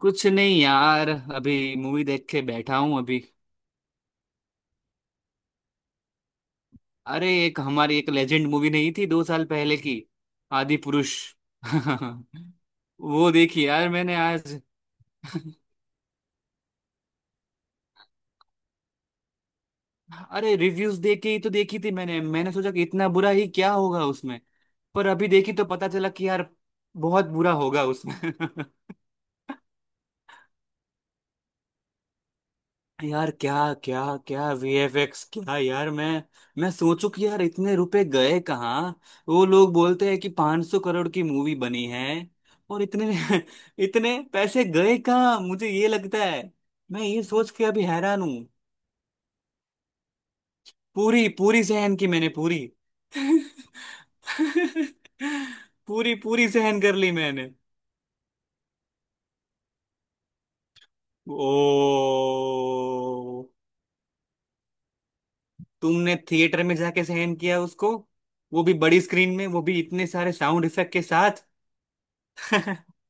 कुछ नहीं यार। अभी मूवी देख के बैठा हूं अभी। अरे एक हमारी एक लेजेंड मूवी नहीं थी 2 साल पहले की, आदि पुरुष। वो देखी यार मैंने आज। अरे रिव्यूज देख के ही तो देखी थी मैंने मैंने सोचा कि इतना बुरा ही क्या होगा उसमें। पर अभी देखी तो पता चला कि यार, बहुत बुरा होगा उसमें। यार क्या क्या क्या वीएफएक्स, क्या यार! मैं सोचू कि यार, इतने रुपए गए कहाँ। वो लोग बोलते हैं कि 500 करोड़ की मूवी बनी है। और इतने इतने पैसे गए कहाँ। मुझे ये लगता है। मैं ये सोच के अभी हैरान हूँ। पूरी पूरी सहन की मैंने, पूरी। पूरी पूरी सहन कर ली मैंने। ओ। तुमने थिएटर में जाके सहन किया उसको, वो भी बड़ी स्क्रीन में, वो भी इतने सारे साउंड इफेक्ट के साथ।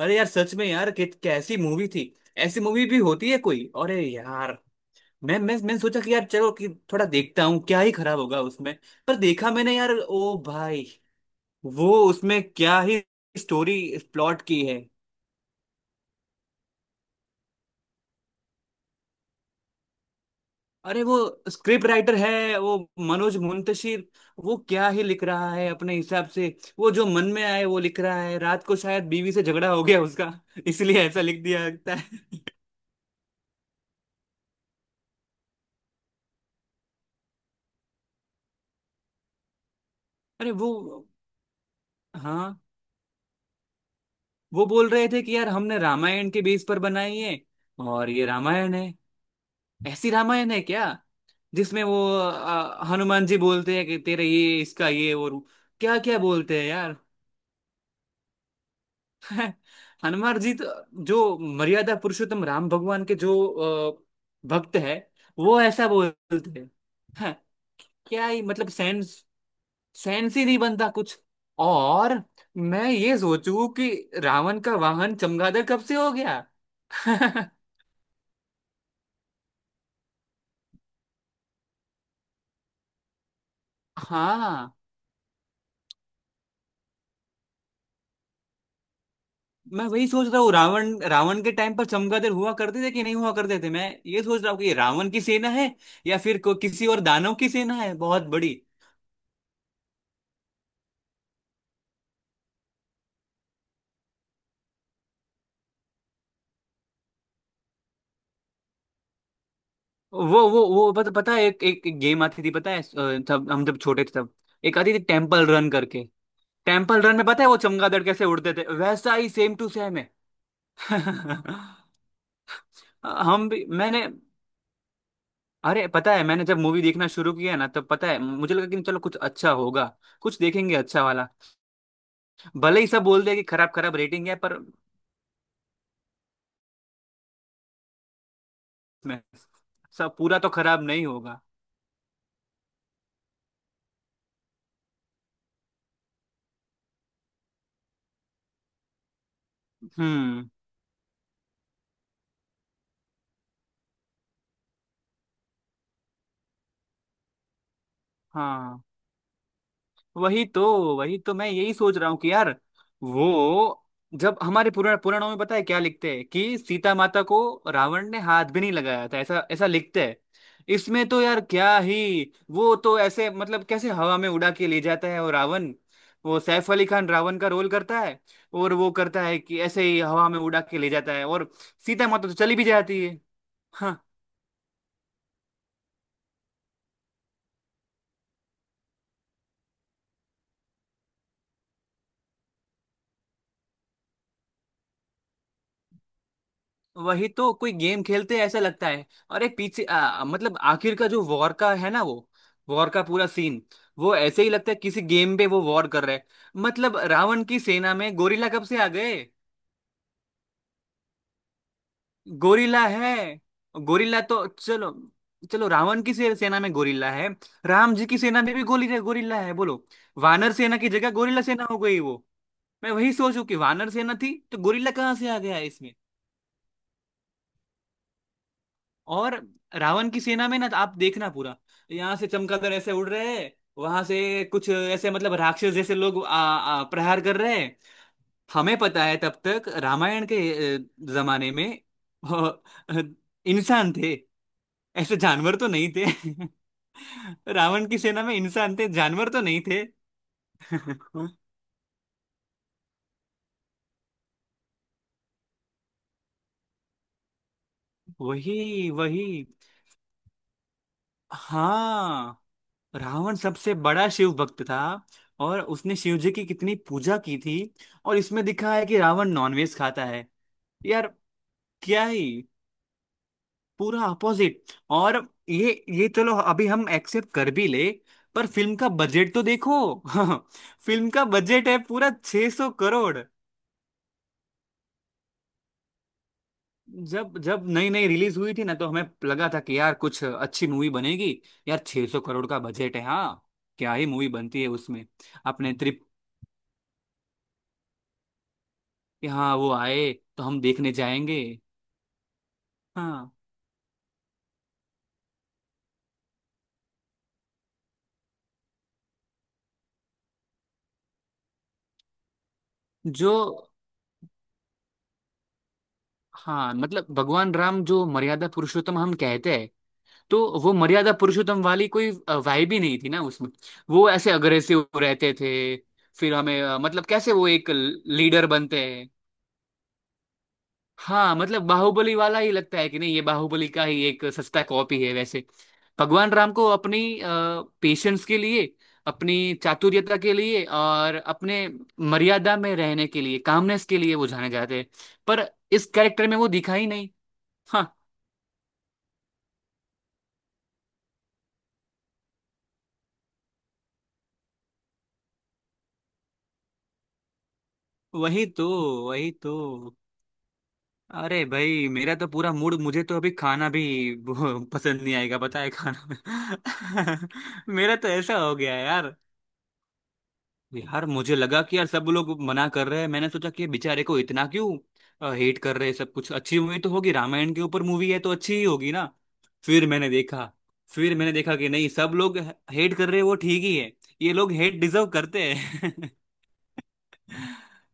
अरे यार, सच में यार, कैसी मूवी थी। ऐसी मूवी भी होती है कोई? अरे यार! मैंने सोचा कि यार चलो कि थोड़ा देखता हूँ, क्या ही खराब होगा उसमें। पर देखा मैंने यार, ओ भाई। वो उसमें क्या ही स्टोरी, प्लॉट की है। अरे वो स्क्रिप्ट राइटर है वो, मनोज मुंतशिर। वो क्या ही लिख रहा है अपने हिसाब से। वो जो मन में आए वो लिख रहा है। रात को शायद बीवी से झगड़ा हो गया उसका। इसलिए ऐसा लिख दिया लगता है। अरे वो, हाँ, वो बोल रहे थे कि यार हमने रामायण के बेस पर बनाई है। और ये रामायण है? ऐसी रामायण है क्या? जिसमें वो हनुमान जी बोलते हैं कि तेरे ये इसका ये और। क्या क्या बोलते हैं यार। हनुमान जी तो जो मर्यादा पुरुषोत्तम राम भगवान के जो भक्त है, वो ऐसा बोलते हैं। हाँ। क्या ही मतलब सेंस, सेंस ही नहीं बनता कुछ। और मैं ये सोचूं कि रावण का वाहन चमगादड़ कब से हो गया। हाँ। मैं वही सोच रहा हूँ, रावण रावण के टाइम पर चमगादड़ हुआ करते थे कि नहीं हुआ करते थे, मैं ये सोच रहा हूँ कि ये रावण की सेना है। या फिर किसी और दानव की सेना है बहुत बड़ी। वो पता पता है एक एक, एक गेम आती थी, पता है तब हम जब छोटे थे तब। एक आती थी टेम्पल रन करके। टेम्पल रन में पता है वो चमगादड़ कैसे उड़ते थे, वैसा ही सेम टू सेम है। हम भी मैंने। अरे पता है, मैंने जब मूवी देखना शुरू किया ना, तब पता है मुझे लगा कि चलो कुछ अच्छा होगा। कुछ देखेंगे अच्छा वाला। भले ही सब बोल दे कि खराब खराब रेटिंग है, पर। मैं सब पूरा तो खराब नहीं होगा। हम्म। हाँ, वही तो वही तो, मैं यही सोच रहा हूँ कि यार। वो जब हमारे पुराणों में पता है क्या लिखते हैं कि सीता माता को, रावण ने हाथ भी नहीं लगाया था, ऐसा ऐसा लिखते हैं। इसमें तो यार क्या ही, वो तो ऐसे, मतलब कैसे हवा में उड़ा के ले जाता है वो रावण। वो सैफ अली खान रावण का रोल करता है। और वो करता है कि ऐसे ही हवा में उड़ा के ले जाता है। और सीता माता तो चली भी जाती है। हाँ। वही तो कोई गेम खेलते हैं ऐसा लगता है। और एक पीछे मतलब आखिर का जो वॉर का है ना, वो वॉर का पूरा सीन। वो ऐसे ही लगता है किसी गेम पे वो वॉर कर रहे हैं। मतलब रावण की सेना में गोरिल्ला कब से आ गए। गोरिल्ला है। गोरिल्ला तो चलो। चलो रावण की सेना में गोरिल्ला है। राम जी की सेना में भी गोली गोरिल्ला है बोलो। वानर सेना की जगह गोरिल्ला सेना हो गई वो। मैं वही सोचू कि वानर सेना थी तो गोरिल्ला कहाँ से आ गया। और रावण की सेना में ना, आप देखना पूरा। यहाँ से चमगादड़ ऐसे उड़ रहे हैं। वहां से कुछ ऐसे, मतलब राक्षस जैसे लोग आ, आ, प्रहार कर रहे हैं। हमें पता है तब तक रामायण के अ, जमाने में अ, अ, इंसान थे। ऐसे जानवर तो नहीं थे। रावण की सेना में इंसान थे, जानवर तो नहीं थे। वही वही, हाँ। रावण सबसे बड़ा शिव भक्त था। और उसने शिव जी की कितनी पूजा की थी। और इसमें दिखा है कि रावण नॉनवेज खाता है। यार क्या ही, पूरा अपोजिट। और ये चलो अभी हम एक्सेप्ट कर भी ले। पर फिल्म का बजट तो देखो। फिल्म का बजट है पूरा 600 करोड़। जब जब नई नई रिलीज हुई थी ना, तो हमें लगा था कि यार कुछ अच्छी मूवी बनेगी। यार 600 करोड़ का बजट है, हाँ। क्या ही मूवी बनती है उसमें। अपने कि हाँ, वो आए तो हम देखने जाएंगे। हाँ, जो, हाँ मतलब भगवान राम जो मर्यादा पुरुषोत्तम हम कहते हैं। तो वो मर्यादा पुरुषोत्तम वाली कोई वाइब ही नहीं थी ना उसमें। वो ऐसे अग्रेसिव रहते थे। फिर हमें मतलब कैसे वो एक लीडर बनते हैं। हाँ मतलब बाहुबली वाला ही लगता है कि नहीं, ये बाहुबली का ही एक सस्ता कॉपी है वैसे। भगवान राम को अपनी पेशेंस के लिए, अपनी चातुर्यता के लिए, और अपने मर्यादा में रहने के लिए, कामनेस के लिए वो जाने जाते हैं। पर इस कैरेक्टर में वो दिखा ही नहीं। हाँ वही तो, वही तो। अरे भाई, मेरा तो पूरा मूड। मुझे तो अभी खाना भी वो पसंद नहीं आएगा पता है, खाना। में, मेरा तो ऐसा हो गया है यार। यार मुझे लगा कि यार सब लोग मना कर रहे हैं, मैंने सोचा कि ये बेचारे को इतना क्यों हेट कर रहे हैं सब। कुछ अच्छी मूवी तो होगी, रामायण के ऊपर मूवी है तो अच्छी ही होगी ना। फिर मैंने देखा। फिर मैंने देखा कि नहीं, सब लोग हेट कर रहे हैं वो ठीक ही है। ये लोग हेट डिजर्व करते हैं।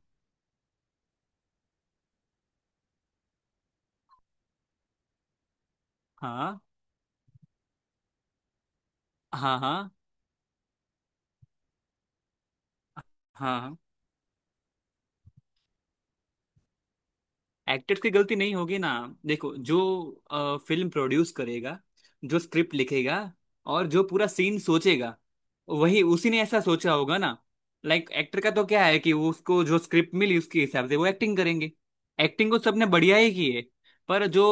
हाँ हाँ, हाँ हाँ। एक्टर्स की गलती नहीं होगी ना। देखो, जो फिल्म प्रोड्यूस करेगा, जो स्क्रिप्ट लिखेगा, और जो पूरा सीन सोचेगा, वही, उसी ने ऐसा सोचा होगा ना। लाइक एक्टर का तो क्या है कि वो, उसको जो स्क्रिप्ट मिली उसके हिसाब से वो एक्टिंग करेंगे। एक्टिंग को सबने बढ़िया ही की है। पर जो,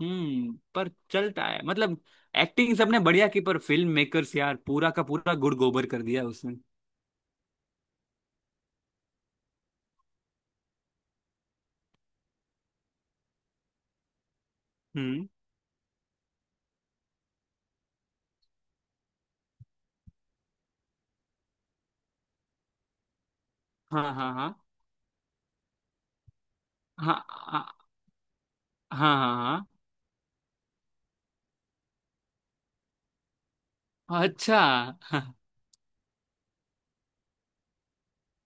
पर चलता है मतलब। एक्टिंग सबने बढ़िया की, पर फिल्म मेकर्स यार, पूरा का पूरा गुड़ गोबर कर दिया उसने। हम्म। हाँ हाँ, हाँ हाँ, हाँ हाँ, हाँ हाँ। अच्छा, हाँ, अच्छा।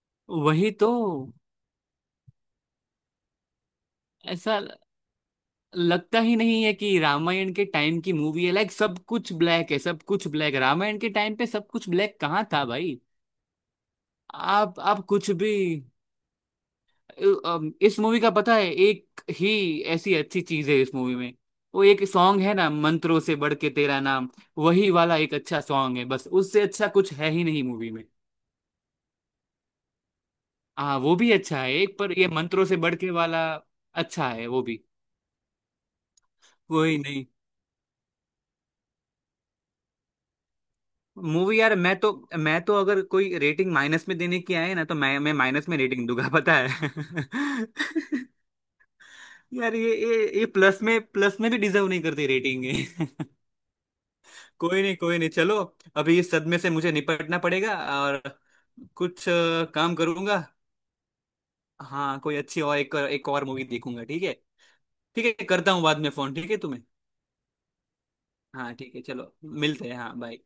वही तो। ऐसा लगता ही नहीं है कि रामायण के टाइम की मूवी है। लाइक सब कुछ ब्लैक है, सब कुछ ब्लैक। रामायण के टाइम पे सब कुछ ब्लैक कहाँ था भाई। आप कुछ भी। इस मूवी का पता है, एक ही ऐसी अच्छी चीज है इस मूवी में। वो एक सॉन्ग है ना, मंत्रों से बढ़ के तेरा नाम। वही वाला एक अच्छा सॉन्ग है, बस उससे अच्छा कुछ है ही नहीं मूवी में। हाँ वो भी अच्छा है एक, पर ये मंत्रों से बढ़ के वाला अच्छा है वो भी। वही नहीं। मूवी यार, मैं तो अगर कोई रेटिंग माइनस में देने की आए ना, तो मैं माइनस में रेटिंग दूंगा पता है। यार ये प्लस में, प्लस में भी डिजर्व नहीं करती रेटिंग। कोई नहीं, कोई नहीं, चलो। अभी इस सदमे से मुझे निपटना पड़ेगा। और कुछ काम करूंगा। हाँ कोई अच्छी, और एक एक और मूवी देखूंगा ठीक है। ठीक है, करता हूँ बाद में फोन, ठीक है तुम्हें। हाँ ठीक है चलो। मिलते हैं, हाँ, बाय।